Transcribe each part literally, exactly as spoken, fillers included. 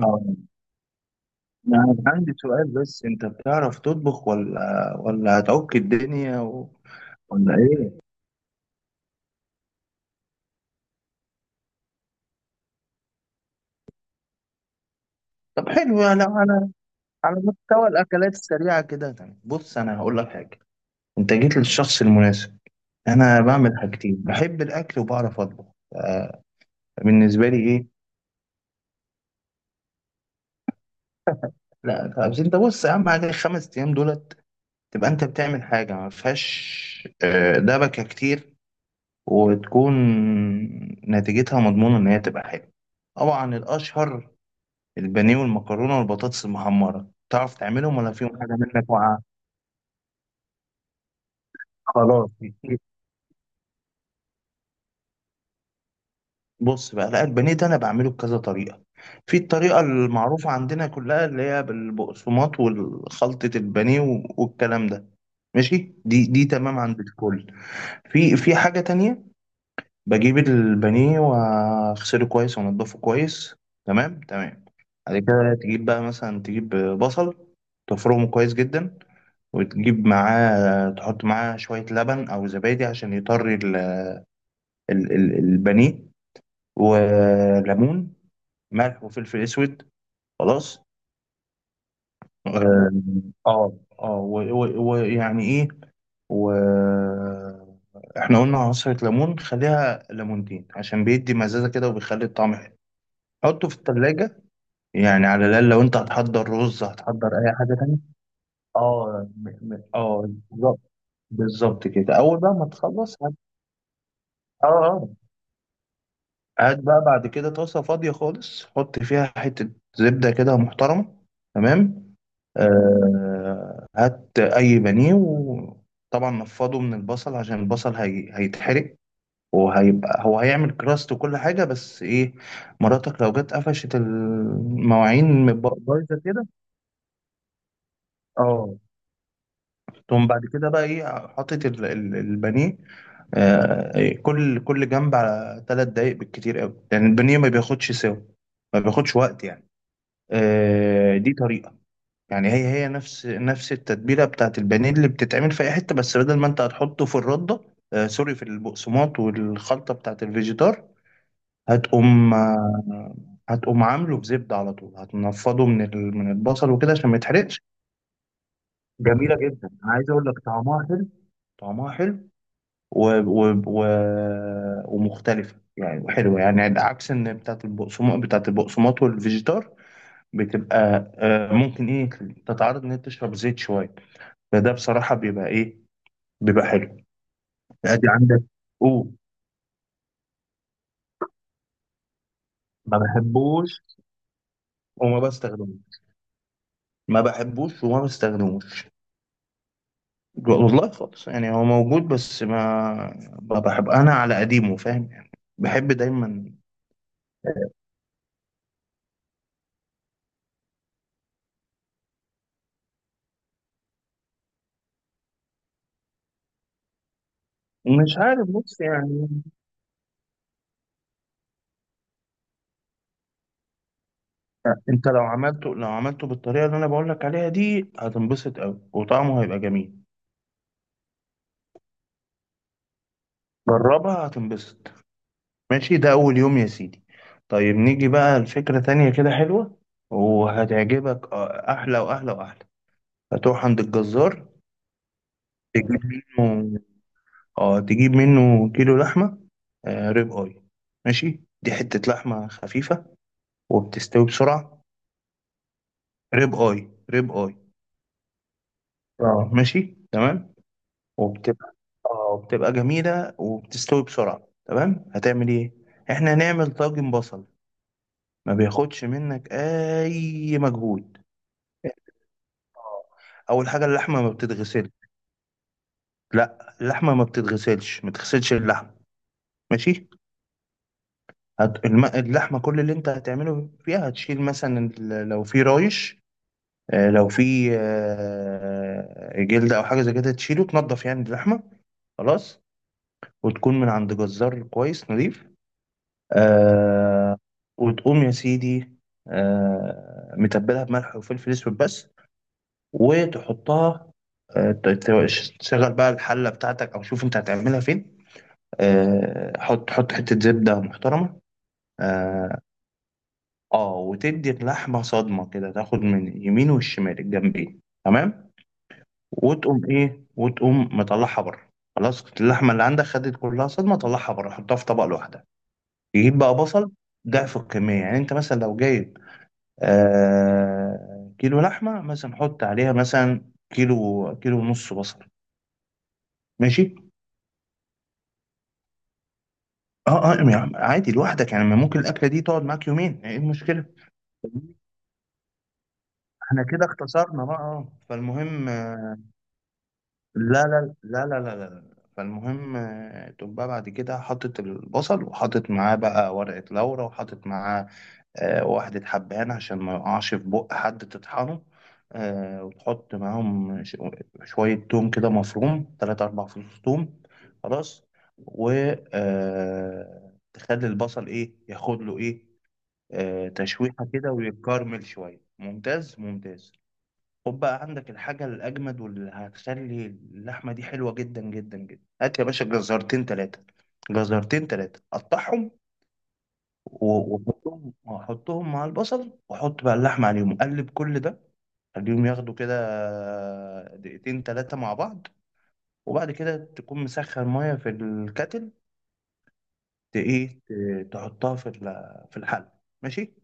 آه، أنا عندي سؤال، بس أنت بتعرف تطبخ ولا ولا هتعك الدنيا و... ولا إيه؟ طب، حلو يعني على على مستوى الأكلات السريعة كده، تمام. بص، أنا هقول لك حاجة. أنت جيت للشخص المناسب. أنا بعمل حاجتين، بحب الأكل وبعرف أطبخ. آه، بالنسبة لي إيه؟ لا، بس أنت بص، أهم حاجة الخمس أيام دولت تبقى أنت بتعمل حاجة ما فيهاش آه، دبكة كتير، وتكون نتيجتها مضمونة إن هي تبقى حلوة. طبعا الأشهر البانيه والمكرونه والبطاطس المحمره، تعرف تعملهم ولا فيهم حاجه منك واقعه؟ خلاص يطير. بص بقى، لا، البانيه ده انا بعمله بكذا طريقه. في الطريقه المعروفه عندنا كلها، اللي هي بالبقسماط والخلطه البانيه و- والكلام ده. ماشي، دي دي تمام عند الكل. في في حاجه تانية. بجيب البانيه واغسله كويس وانضفه كويس، تمام تمام. بعد كده تجيب بقى، مثلا تجيب بصل، تفرمه كويس جدا. وتجيب معاه تحط معاه شوية لبن أو زبادي عشان يطري ال- ال- ال- البانيه، وليمون، ملح وفلفل أسود. خلاص. اه، اه. آه، و- و- ويعني ايه. و احنا قلنا عصرة ليمون، خليها ليمونتين عشان بيدي مزازة كده، وبيخلي الطعم حلو. حطه في التلاجة. يعني على الأقل لو أنت هتحضر رز، هتحضر أي حاجة تانية. اه، م- م- اه، بالظبط. بالظبط كده. أول بقى ما تخلص هت- اه، اه. هات بقى بعد كده طاسة فاضية خالص، حط فيها حتة زبدة كده محترمة. تمام. آه هات أي بانيه، وطبعا نفضه من البصل عشان البصل هي... هيتحرق. وهيبقى هو هيعمل كراست وكل حاجة، بس إيه؟ مراتك لو جت قفشت المواعين من بق- بايظة كده. اه. تقوم بعد كده بقى إيه، حاطط ال- ال- البانيه. آه، إيه، كل كل جنب على ثلاث دقايق بالكتير قوي، لأن يعني البانيه ما بياخدش سوا. ما بياخدش وقت يعني. آه، دي طريقة. يعني هي هي نفس نفس التتبيلة بتاعت البانيه اللي بتتعمل في أي حتة، بس بدل ما أنت هتحطه في الردة، آه، سوري، في البقسماط والخلطة بتاعت الفيجيتار. هتقوم آه، هتقوم عامله في زبدة، على طول هتنفضه من ال- من البصل وكده عشان ما يتحرقش. جميلة جدا، عايز أقول لك طعمها حلو. طعمها حلو. و... و... و... ومختلفة يعني، حلوة يعني عكس إن بتاعت البقسماط، بتاعت البقسماط والفيجيتار بتبقى آه، ممكن ايه تتعرض ان هي تشرب زيت شويه. فده بصراحه بيبقى ايه، بيبقى حلو. ادي عندك. او ما بحبوش وما بستخدموش. ما بحبوش وما بستخدموش. والله خالص يعني، هو موجود بس ما ما بحب انا على قديمه، فاهم يعني. بحب دايما. مش عارف، بص يعني. انت لو عملته لو عملته بالطريقه اللي انا بقول لك عليها دي، هتنبسط قوي وطعمه هيبقى جميل. جربها، هتنبسط. ماشي، ده أول يوم يا سيدي. طيب، نيجي بقى لفكرة تانية كده حلوة وهتعجبك، آه، أحلى وأحلى وأحلى. هتروح عند الجزار. تجيب منه. اه، تجيب منه كيلو لحمة. آه ريب اي. ماشي، دي حتة لحمة خفيفة وبتستوي بسرعة. ريب اي، ريب اي. اه، ماشي تمام. وبتبقى... اه، بتبقى جميلة وبتستوي بسرعة. تمام، هتعمل ايه؟ احنا هنعمل طاجن بصل. ما بياخدش منك اي مجهود. آه. اول حاجه، اللحمه ما بتتغسل. لا، اللحمه ما بتتغسلش، ما تغسلش اللحمه. ماشي. هت... الم... اللحمه كل اللي انت هتعمله فيها، هتشيل مثلا ال- لو في رايش، آه، لو في آه، جلد او حاجه زي كده، تشيله، تنضف يعني اللحمه. خلاص. وتكون من عند جزار كويس نظيف. آه. وتقوم يا سيدي، آه متبلها بملح وفلفل اسود بس، وتحطها. آه، ت- ت- تشغل بقى الحلة بتاعتك، أو شوف أنت هتعملها فين. آه، حط حط حتة زبدة محترمة. اه. آه، وتدي اللحمة صدمة كده، تاخد من اليمين والشمال الجنبين. تمام. وتقوم إيه وتقوم مطلعها بره. خلاص، اللحمة اللي عندك خدت كلها صدمة، طلعها بره، حطها في طبق لوحدها. تجيب بقى بصل، ضعف الكمية. يعني أنت مثلا لو جايب آه كيلو لحمة مثلا، حط عليها مثلا كيلو، كيلو ونص بصل. ماشي. اه، اه، يعني عادي لوحدك يعني، ما ممكن الاكله دي تقعد معاك يومين، ايه المشكله؟ احنا كده اختصرنا بقى، اه. فالمهم آه، لا، لا، لا، لا، لا، لا. فالمهم آه، تقوم بقى بعد كده حاطط البصل، وحاطط معاه بقى ورقة لورا، وحاطط معاه آه، واحدة حبهان عشان ما يقعش في بق حد تطحنه. آه، وتحط معاهم ش- شوية توم كده مفروم، تلاتة أربع فصوص توم. خلاص. و آه، تخلي البصل إيه، ياخد له إيه؟ آه، تشويحة كده ويتكرمل شوية، ممتاز ممتاز. خد بقى عندك الحاجة الأجمد واللي هتخلي اللحمة دي حلوة جدا جدا جدا، هات يا باشا جزرتين تلاتة. جزرتين تلاتة، قطعهم و- وحطهم وحطهم مع البصل، وحط بقى اللحمة عليهم، قلب كل ده. خليهم ياخدوا كده دقيقتين تلاتة مع بعض. وبعد كده تكون مسخن مية في الكتل، ت- ايه ت- تحطها في ال- في الحل. ماشي.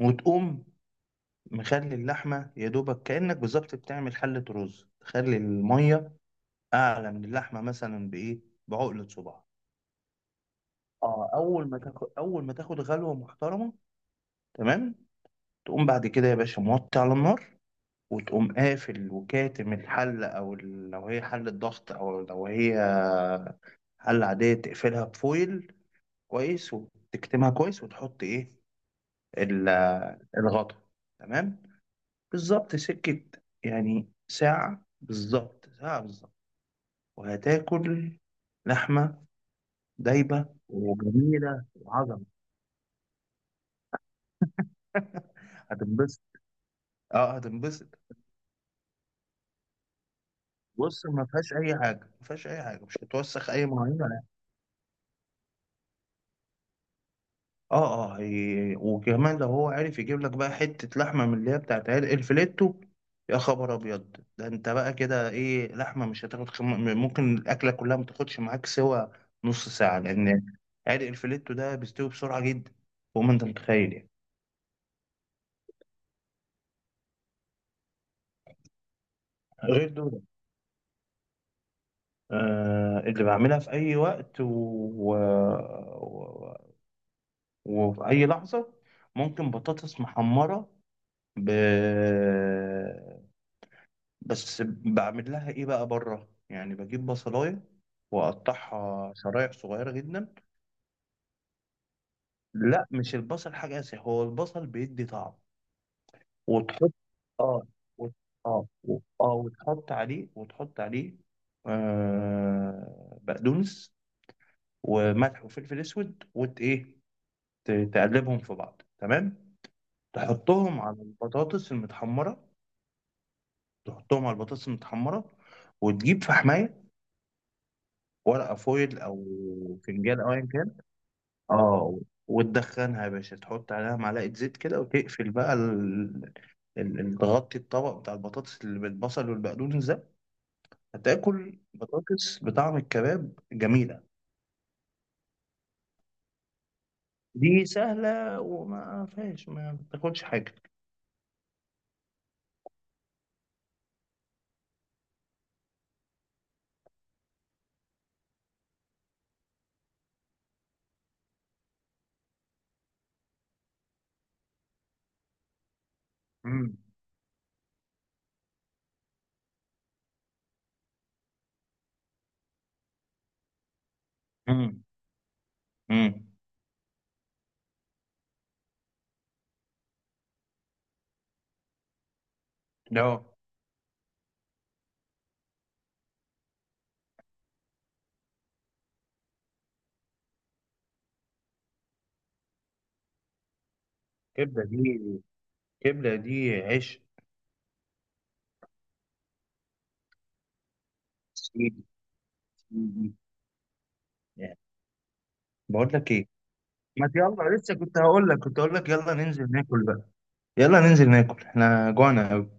وتقوم مخلي اللحمة يا دوبك، كأنك بالظبط بتعمل حلة رز، تخلي المية أعلى من اللحمة مثلا بإيه، بعقلة صباع. اه. أول ما تاخد أول ما تاخد غلوة محترمة. تمام. تقوم بعد كده يا باشا موطي على النار، وتقوم قافل وكاتم الحلة، أو ال- لو هي حلة ضغط، أو لو هي حلة عادية تقفلها بفويل كويس، وتكتمها كويس، وتحط إيه، ال- الغطا. تمام. بالظبط سكة، يعني ساعة بالظبط، ساعة بالظبط. وهتاكل لحمة دايبة وجميلة وعظمة. هتنبسط. اه، هتنبسط. بص، ما فيهاش أي حاجة، ما فيهاش أي حاجة، مش هتوسخ أي مواعين. اه، اه، هي- وكمان لو هو عارف يجيب لك بقى حتة لحمة من اللي هي بتاعت عيال الفليتو، يا خبر ابيض، ده انت بقى كده ايه، لحمة مش هتاخد خم... ممكن الاكلة كلها ما تاخدش معاك سوى نص ساعة، لان عرق الفليتو ده بيستوي بسرعة جدا، فوق ما انت متخيل يعني. غير دول، آه اللي بعملها في اي وقت و... و... و... وفي اي لحظة، ممكن بطاطس محمرة. ب... بس بعمل لها ايه بقى بره يعني، بجيب بصلايه واقطعها شرايح صغيره جدا. لا، مش البصل حاجه اساسيه، هو البصل بيدي طعم. وتحط، اه، وت... اه، و- اه، وتحط عليه وتحط عليه آه بقدونس وملح وفلفل اسود، وت ايه، ت- تقلبهم في بعض، تمام. تحطهم على البطاطس المتحمره تحطهم على البطاطس المتحمره، وتجيب في حمايه ورقه فويل، او فنجان، او ايا كان. اه، وتدخنها يا باشا، تحط عليها معلقة زيت كده، وتقفل بقى ال... ال... ال- تغطي الطبق بتاع البطاطس اللي بالبصل والبقدونس ده. هتاكل بطاطس بطعم الكباب، جميلة. دي سهلة وما فيهاش، ما بتاخدش حاجة. امم امم امم لا، كبدة دي، كبدة دي عيش. سيدي، سيدي. يعني، بقول لك ايه، ما يلا، لسه كنت هقول لك كنت هقول لك يلا ننزل ناكل بقى. يلا ننزل ناكل، احنا جوعنا قوي.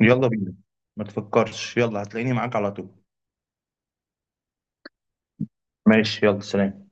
يلا بينا، ما تفكرش، يلا هتلاقيني معاك على طول. ماشي، يلا سلام.